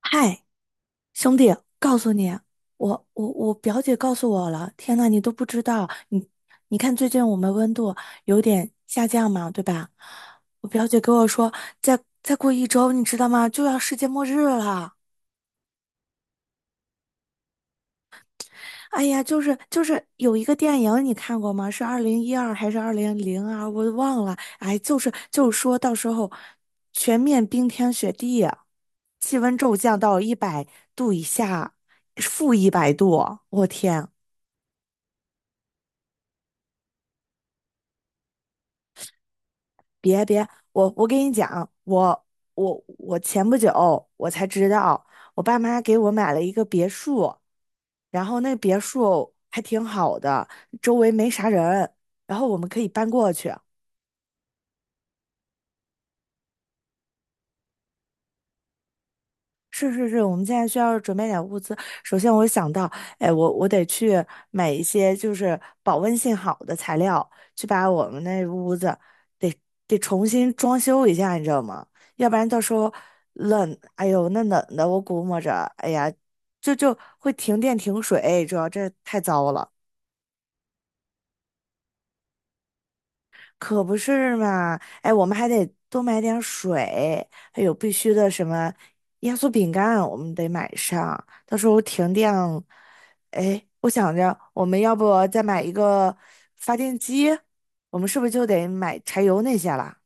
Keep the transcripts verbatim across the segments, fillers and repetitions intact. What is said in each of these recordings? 嗨，兄弟，告诉你，我我我表姐告诉我了。天呐，你都不知道，你你看最近我们温度有点下降嘛，对吧？我表姐跟我说，再再过一周，你知道吗？就要世界末日了。哎呀，就是就是有一个电影你看过吗？是二零一二还是二零零二？我忘了。哎，就是就是说到时候全面冰天雪地啊，气温骤降到一百度以下，负一百度。我天，别别，我我跟你讲，我我我前不久我才知道，我爸妈给我买了一个别墅，然后那别墅还挺好的，周围没啥人，然后我们可以搬过去。是是是，我们现在需要准备点物资。首先，我想到，哎，我我得去买一些就是保温性好的材料，去把我们那屋子得得重新装修一下，你知道吗？要不然到时候冷，哎呦，那冷的我估摸着，哎呀，就就会停电停水，主要这太糟了。可不是嘛！哎，我们还得多买点水，还有必须的什么压缩饼干，我们得买上。到时候停电，哎，我想着我们要不再买一个发电机？我们是不是就得买柴油那些了？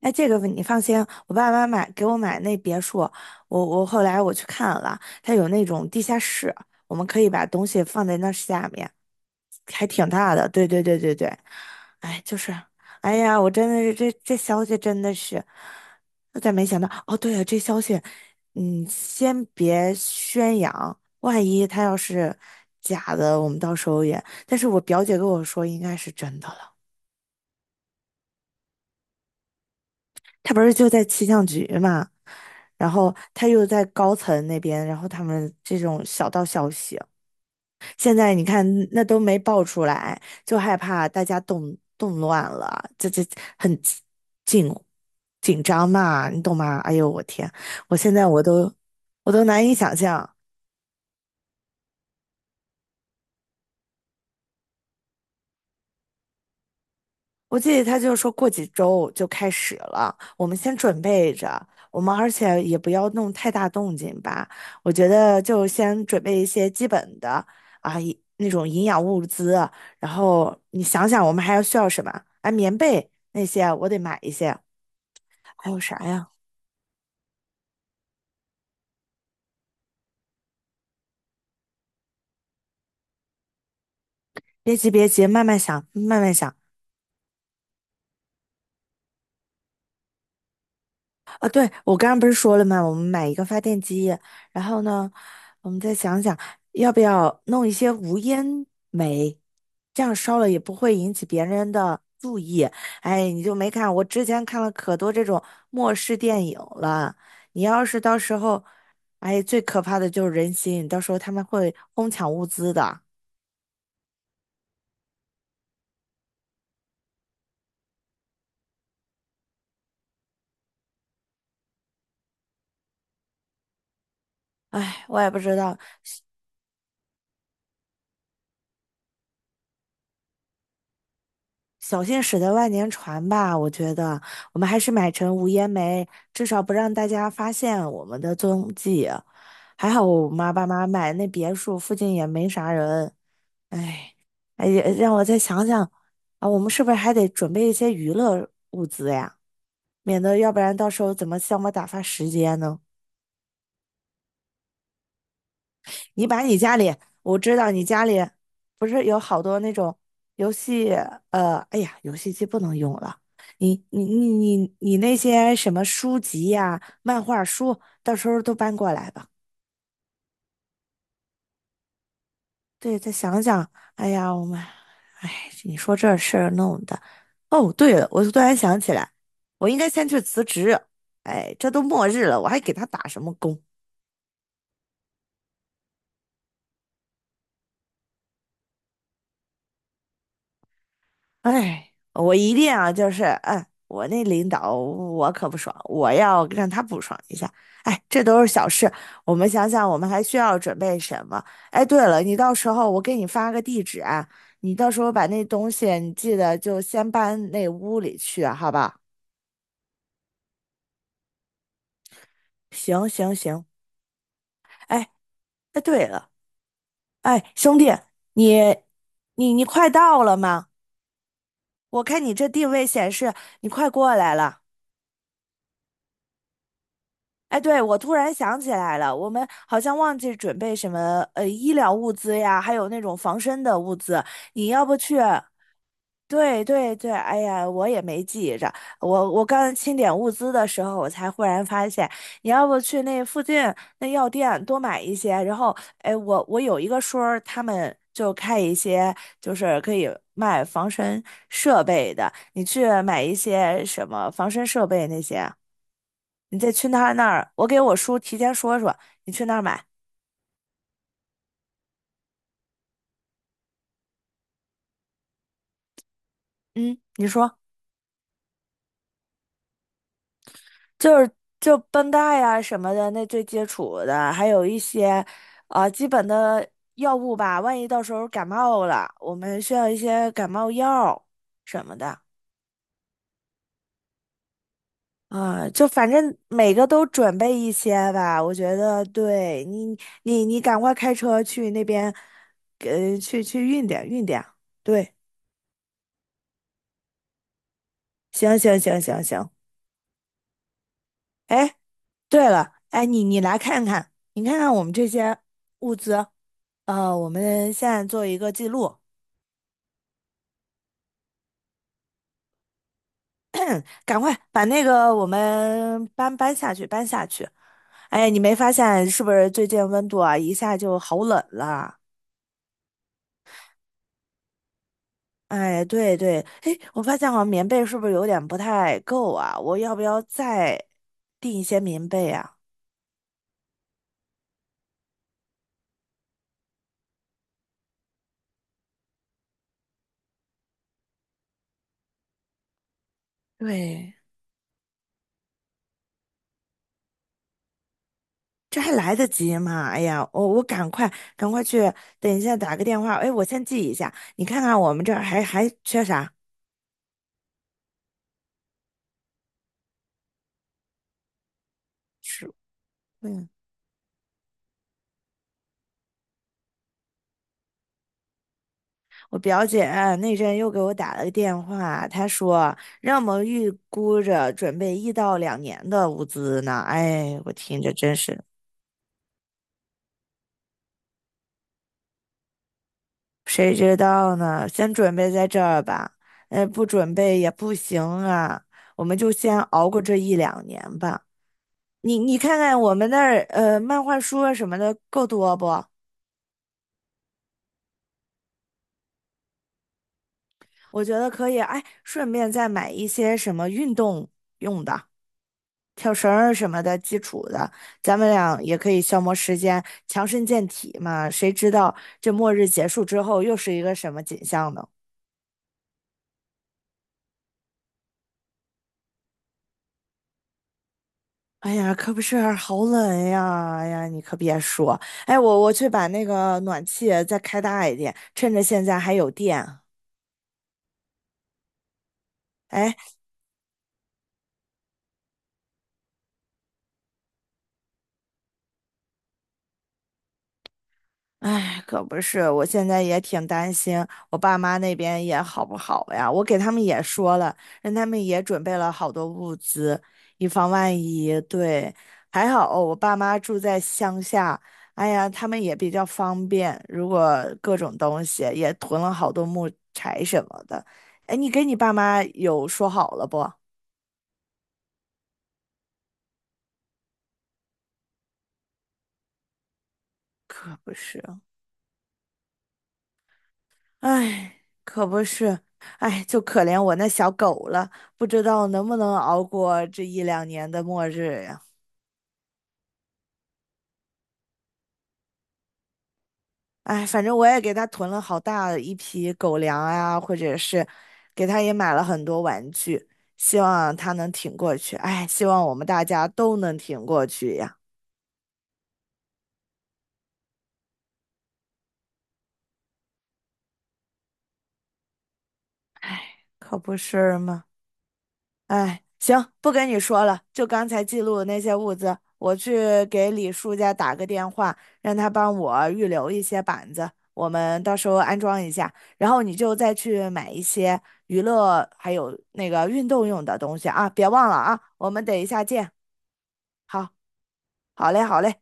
哎，这个你放心，我爸妈买给我买那别墅，我我后来我去看了，它有那种地下室，我们可以把东西放在那下面。还挺大的，对对对对对，哎，就是，哎呀，我真的是这这消息真的是，我咋没想到？哦，对了，这消息，嗯，先别宣扬，万一他要是假的，我们到时候也……但是我表姐跟我说应该是真的了，他不是就在气象局嘛，然后他又在高层那边，然后他们这种小道消息。现在你看那都没爆出来，就害怕大家动动乱了，这这很紧紧张嘛，你懂吗？哎呦，我天，我现在我都我都难以想象。我记得他就说过几周就开始了，我们先准备着，我们而且也不要弄太大动静吧。我觉得就先准备一些基本的啊，一那种营养物资，然后你想想我们还要需要什么？啊，棉被那些我得买一些，还有啥呀？别急，别急，慢慢想，慢慢想。啊，对，我刚刚不是说了吗？我们买一个发电机，然后呢，我们再想想要不要弄一些无烟煤，这样烧了也不会引起别人的注意。哎，你就没看，我之前看了可多这种末世电影了。你要是到时候，哎，最可怕的就是人心，到时候他们会哄抢物资的。哎，我也不知道，小心驶得万年船吧，我觉得我们还是买成无烟煤，至少不让大家发现我们的踪迹。还好我妈爸妈买那别墅附近也没啥人，哎，哎，让我再想想啊，我们是不是还得准备一些娱乐物资呀？免得要不然到时候怎么向我打发时间呢？你把你家里，我知道你家里不是有好多那种游戏，呃，哎呀，游戏机不能用了。你你你你你那些什么书籍呀、漫画书，到时候都搬过来吧。对，再想想，哎呀，我们，哎，你说这事儿弄的。哦，对了，我突然想起来，我应该先去辞职。哎，这都末日了，我还给他打什么工？哎，我一定啊，就是，哎，我那领导我可不爽，我要让他不爽一下。哎，这都是小事，我们想想，我们还需要准备什么？哎，对了，你到时候我给你发个地址啊，你到时候把那东西你记得就先搬那屋里去啊，好吧？行行行，哎哎，对了，哎，兄弟，你你你快到了吗？我看你这定位显示你快过来了。哎，对，我突然想起来了，我们好像忘记准备什么呃医疗物资呀，还有那种防身的物资，你要不去？对对对，哎呀，我也没记着，我我刚清点物资的时候，我才忽然发现，你要不去那附近那药店多买一些，然后哎，我我有一个叔儿他们就开一些就是可以卖防身设备的，你去买一些什么防身设备那些啊。你再去他那儿，我给我叔提前说说，你去那儿买。嗯，你说就是就绷带呀、什么的，那最基础的，还有一些啊基本的药物吧，万一到时候感冒了，我们需要一些感冒药什么的。啊、就反正每个都准备一些吧，我觉得对你，你你赶快开车去那边，呃，去去运点运点。对，行行行行行，哎，对了，哎，你你来看看，你看看我们这些物资，呃，我们现在做一个记录，赶快把那个我们搬搬下去，搬下去。哎，你没发现是不是最近温度啊一下就好冷了？哎，对对，哎，我发现好像棉被是不是有点不太够啊？我要不要再订一些棉被啊？对。这还来得及吗？哎呀，我我赶快赶快去，等一下打个电话。哎，我先记一下，你看看我们这儿还还缺啥？是，嗯，我表姐啊那阵又给我打了个电话，她说让我们预估着准备一到两年的物资呢。哎，我听着真是，谁知道呢？先准备在这儿吧，呃，不准备也不行啊，我们就先熬过这一两年吧。你你看看我们那儿呃漫画书啊什么的够多不？我觉得可以，哎，顺便再买一些什么运动用的，跳绳儿什么的，基础的，咱们俩也可以消磨时间，强身健体嘛。谁知道这末日结束之后又是一个什么景象呢？哎呀，可不是，好冷呀！哎呀，你可别说，哎，我我去把那个暖气再开大一点，趁着现在还有电。哎。哎，可不是，我现在也挺担心我爸妈那边也好不好呀。我给他们也说了，让他们也准备了好多物资，以防万一。对，还好哦我爸妈住在乡下，哎呀，他们也比较方便。如果各种东西也囤了好多木柴什么的，哎，你跟你爸妈有说好了不？可不是。哎，可不是，哎，就可怜我那小狗了，不知道能不能熬过这一两年的末日呀。哎，反正我也给它囤了好大一批狗粮啊，或者是给它也买了很多玩具，希望它能挺过去。哎，希望我们大家都能挺过去呀，可不是吗？哎，行，不跟你说了，就刚才记录的那些物资，我去给李叔家打个电话，让他帮我预留一些板子，我们到时候安装一下，然后你就再去买一些娱乐还有那个运动用的东西啊，别忘了啊，我们等一下见。好，好嘞，好嘞。